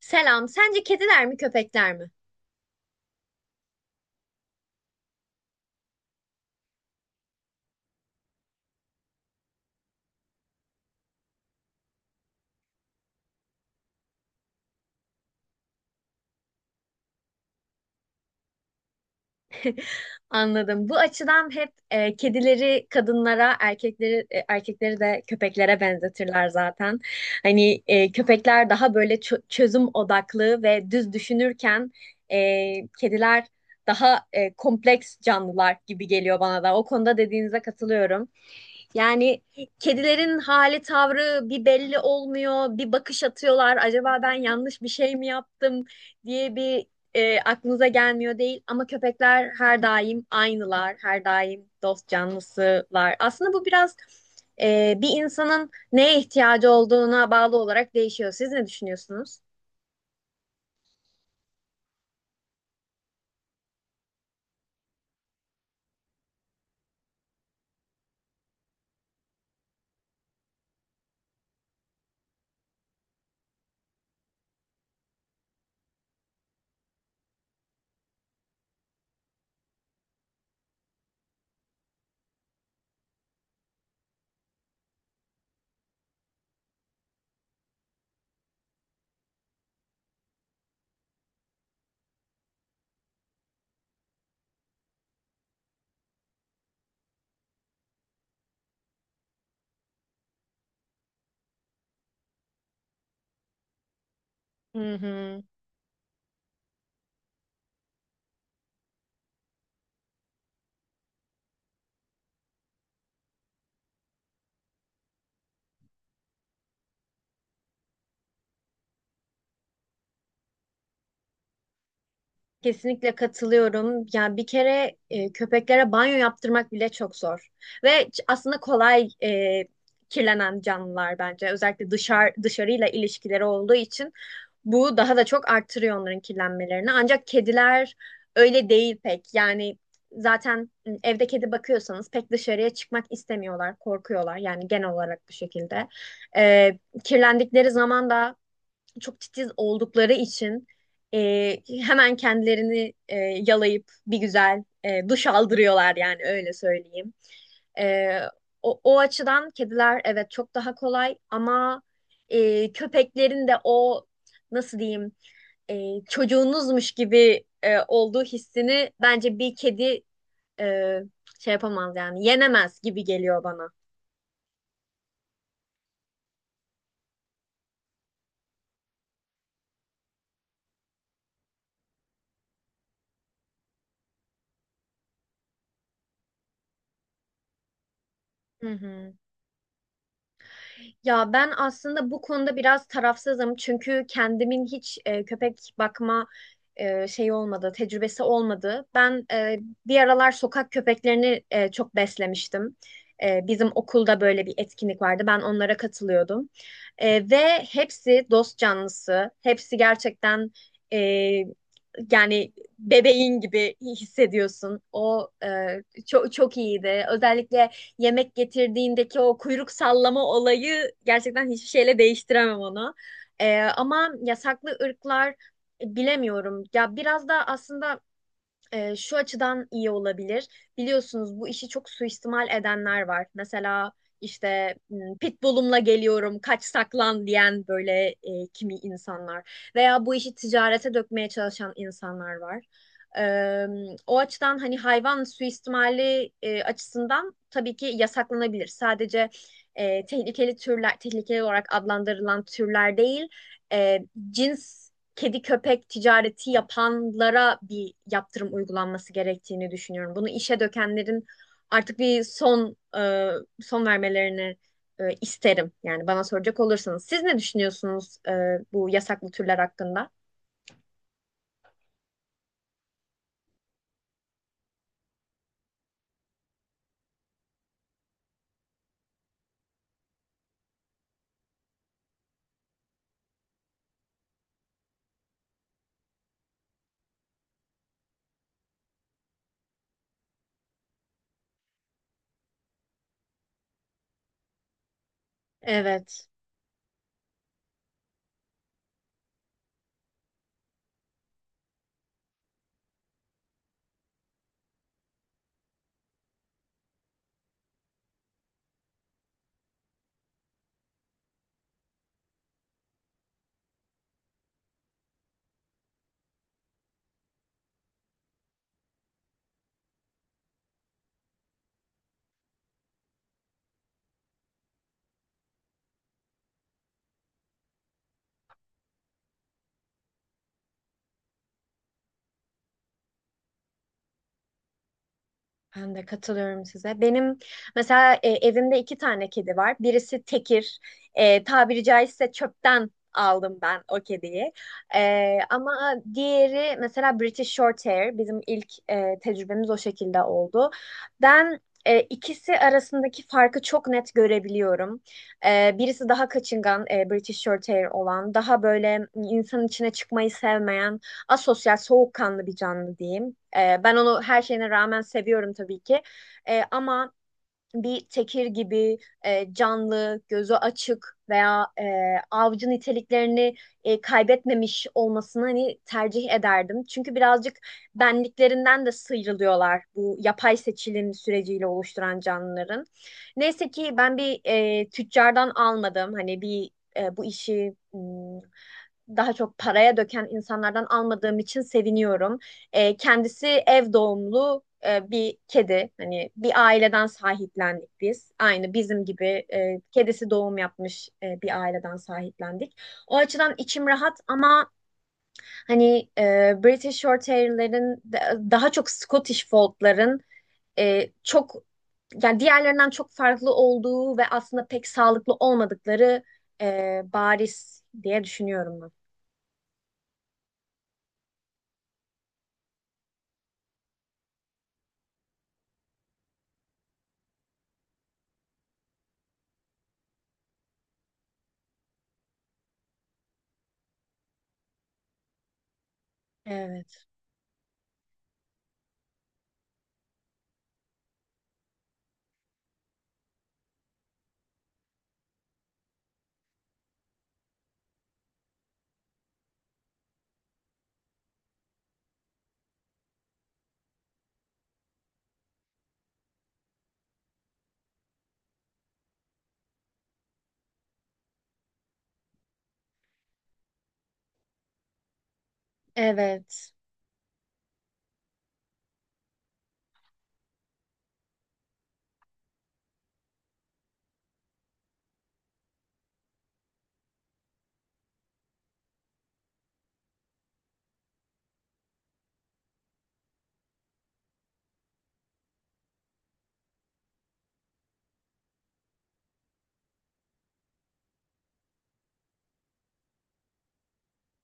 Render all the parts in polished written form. Selam. Sence kediler mi köpekler mi? Anladım. Bu açıdan hep kedileri kadınlara, erkekleri erkekleri de köpeklere benzetirler zaten. Hani köpekler daha böyle çözüm odaklı ve düz düşünürken kediler daha kompleks canlılar gibi geliyor bana da. O konuda dediğinize katılıyorum. Yani kedilerin hali tavrı bir belli olmuyor, bir bakış atıyorlar. Acaba ben yanlış bir şey mi yaptım diye bir aklınıza gelmiyor değil. Ama köpekler her daim aynılar, her daim dost canlısılar. Aslında bu biraz bir insanın neye ihtiyacı olduğuna bağlı olarak değişiyor. Siz ne düşünüyorsunuz? Hı hı. Kesinlikle katılıyorum. Yani bir kere köpeklere banyo yaptırmak bile çok zor. Aslında kolay kirlenen canlılar bence. Özellikle dışarıyla ilişkileri olduğu için bu daha da çok arttırıyor onların kirlenmelerini. Ancak kediler öyle değil pek. Yani zaten evde kedi bakıyorsanız pek dışarıya çıkmak istemiyorlar, korkuyorlar. Yani genel olarak bu şekilde. E, Kirlendikleri zaman da çok titiz oldukları için e, hemen kendilerini yalayıp bir güzel duş aldırıyorlar yani öyle söyleyeyim. E, o açıdan kediler evet çok daha kolay ama köpeklerin de o nasıl diyeyim çocuğunuzmuş gibi olduğu hissini bence bir kedi e, şey yapamaz yani yenemez gibi geliyor bana. Hı hı. Ya ben aslında bu konuda biraz tarafsızım çünkü kendimin hiç köpek bakma şeyi olmadı, tecrübesi olmadı. Ben bir aralar sokak köpeklerini çok beslemiştim. Bizim okulda böyle bir etkinlik vardı. Ben onlara katılıyordum. Ve hepsi dost canlısı, hepsi gerçekten e, yani bebeğin gibi hissediyorsun. O çok çok iyiydi. Özellikle yemek getirdiğindeki o kuyruk sallama olayı gerçekten hiçbir şeyle değiştiremem onu. Ama yasaklı ırklar bilemiyorum. Ya biraz da aslında şu açıdan iyi olabilir. Biliyorsunuz bu işi çok suistimal edenler var. Mesela işte pitbullumla geliyorum, kaç saklan diyen böyle kimi insanlar veya bu işi ticarete dökmeye çalışan insanlar var. Eee, O açıdan hani hayvan suistimali açısından tabii ki yasaklanabilir. Sadece tehlikeli türler, tehlikeli olarak adlandırılan türler değil, e, cins kedi köpek ticareti yapanlara bir yaptırım uygulanması gerektiğini düşünüyorum. Bunu işe dökenlerin artık bir son vermelerini isterim. Yani bana soracak olursanız siz ne düşünüyorsunuz bu yasaklı türler hakkında? Evet. Ben de katılıyorum size. Benim mesela evimde iki tane kedi var. Birisi tekir. Tabiri caizse çöpten aldım ben o kediyi. Ama diğeri mesela British Shorthair. Bizim ilk tecrübemiz o şekilde oldu. Ben ikisi arasındaki farkı çok net görebiliyorum. Birisi daha kaçıngan, British Shorthair olan, daha böyle insanın içine çıkmayı sevmeyen asosyal, soğukkanlı bir canlı diyeyim. Ben onu her şeyine rağmen seviyorum tabii ki. Ama bir tekir gibi canlı, gözü açık veya avcı niteliklerini kaybetmemiş olmasını hani tercih ederdim. Çünkü birazcık benliklerinden de sıyrılıyorlar bu yapay seçilim süreciyle oluşturan canlıların. Neyse ki ben bir tüccardan almadım. Hani bir bu işi daha çok paraya döken insanlardan almadığım için seviniyorum. Kendisi ev doğumlu bir kedi. Hani bir aileden sahiplendik biz. Aynı bizim gibi kedisi doğum yapmış bir aileden sahiplendik. O açıdan içim rahat ama hani British Shorthair'lerin daha çok Scottish Fold'ların çok yani diğerlerinden çok farklı olduğu ve aslında pek sağlıklı olmadıkları bariz diye düşünüyorum ben. Evet, evet,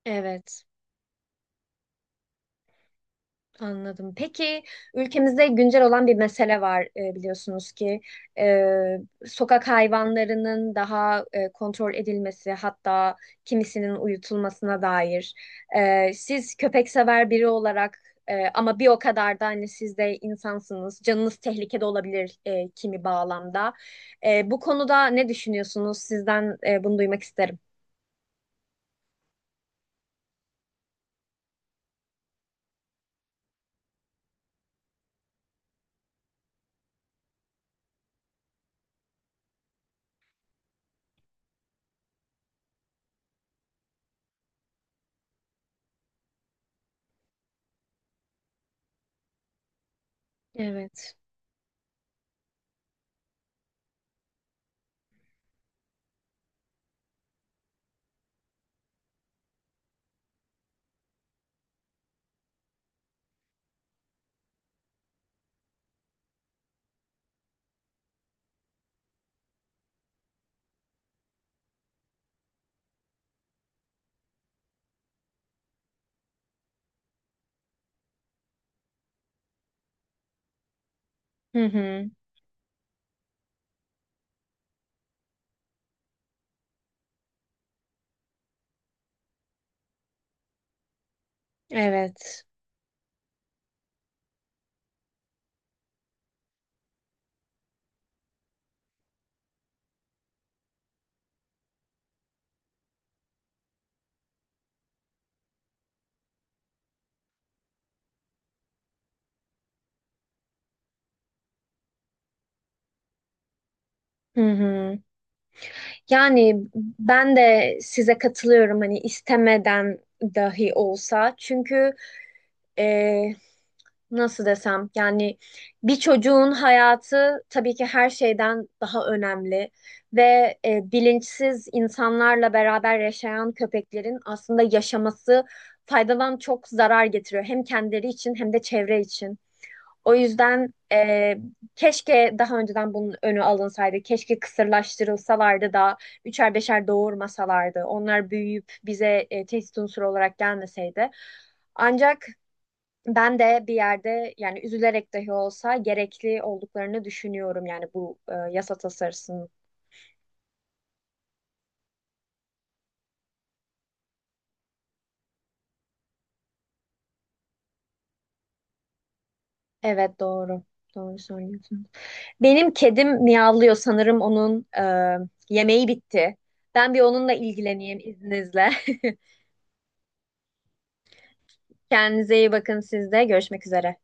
evet. Anladım. Peki ülkemizde güncel olan bir mesele var biliyorsunuz ki E, sokak hayvanlarının daha kontrol edilmesi hatta kimisinin uyutulmasına dair. Siz köpek sever biri olarak ama bir o kadar da hani siz de insansınız. Canınız tehlikede olabilir kimi bağlamda. Bu konuda ne düşünüyorsunuz? Sizden bunu duymak isterim. Evet. Hı hı. Evet. Hı hı. Yani ben de size katılıyorum hani istemeden dahi olsa. Çünkü e, nasıl desem yani bir çocuğun hayatı tabii ki her şeyden daha önemli ve bilinçsiz insanlarla beraber yaşayan köpeklerin aslında yaşaması faydadan çok zarar getiriyor. Hem kendileri için hem de çevre için. O yüzden keşke daha önceden bunun önü alınsaydı. Keşke kısırlaştırılsalardı da üçer beşer doğurmasalardı. Onlar büyüyüp bize tehdit unsuru olarak gelmeseydi. Ancak ben de bir yerde yani üzülerek dahi olsa gerekli olduklarını düşünüyorum yani bu yasa tasarısının. Evet, doğru. Doğru söylüyorsun. Benim kedim miyavlıyor sanırım onun yemeği bitti. Ben bir onunla ilgileneyim izninizle. Kendinize iyi bakın siz de. Görüşmek üzere.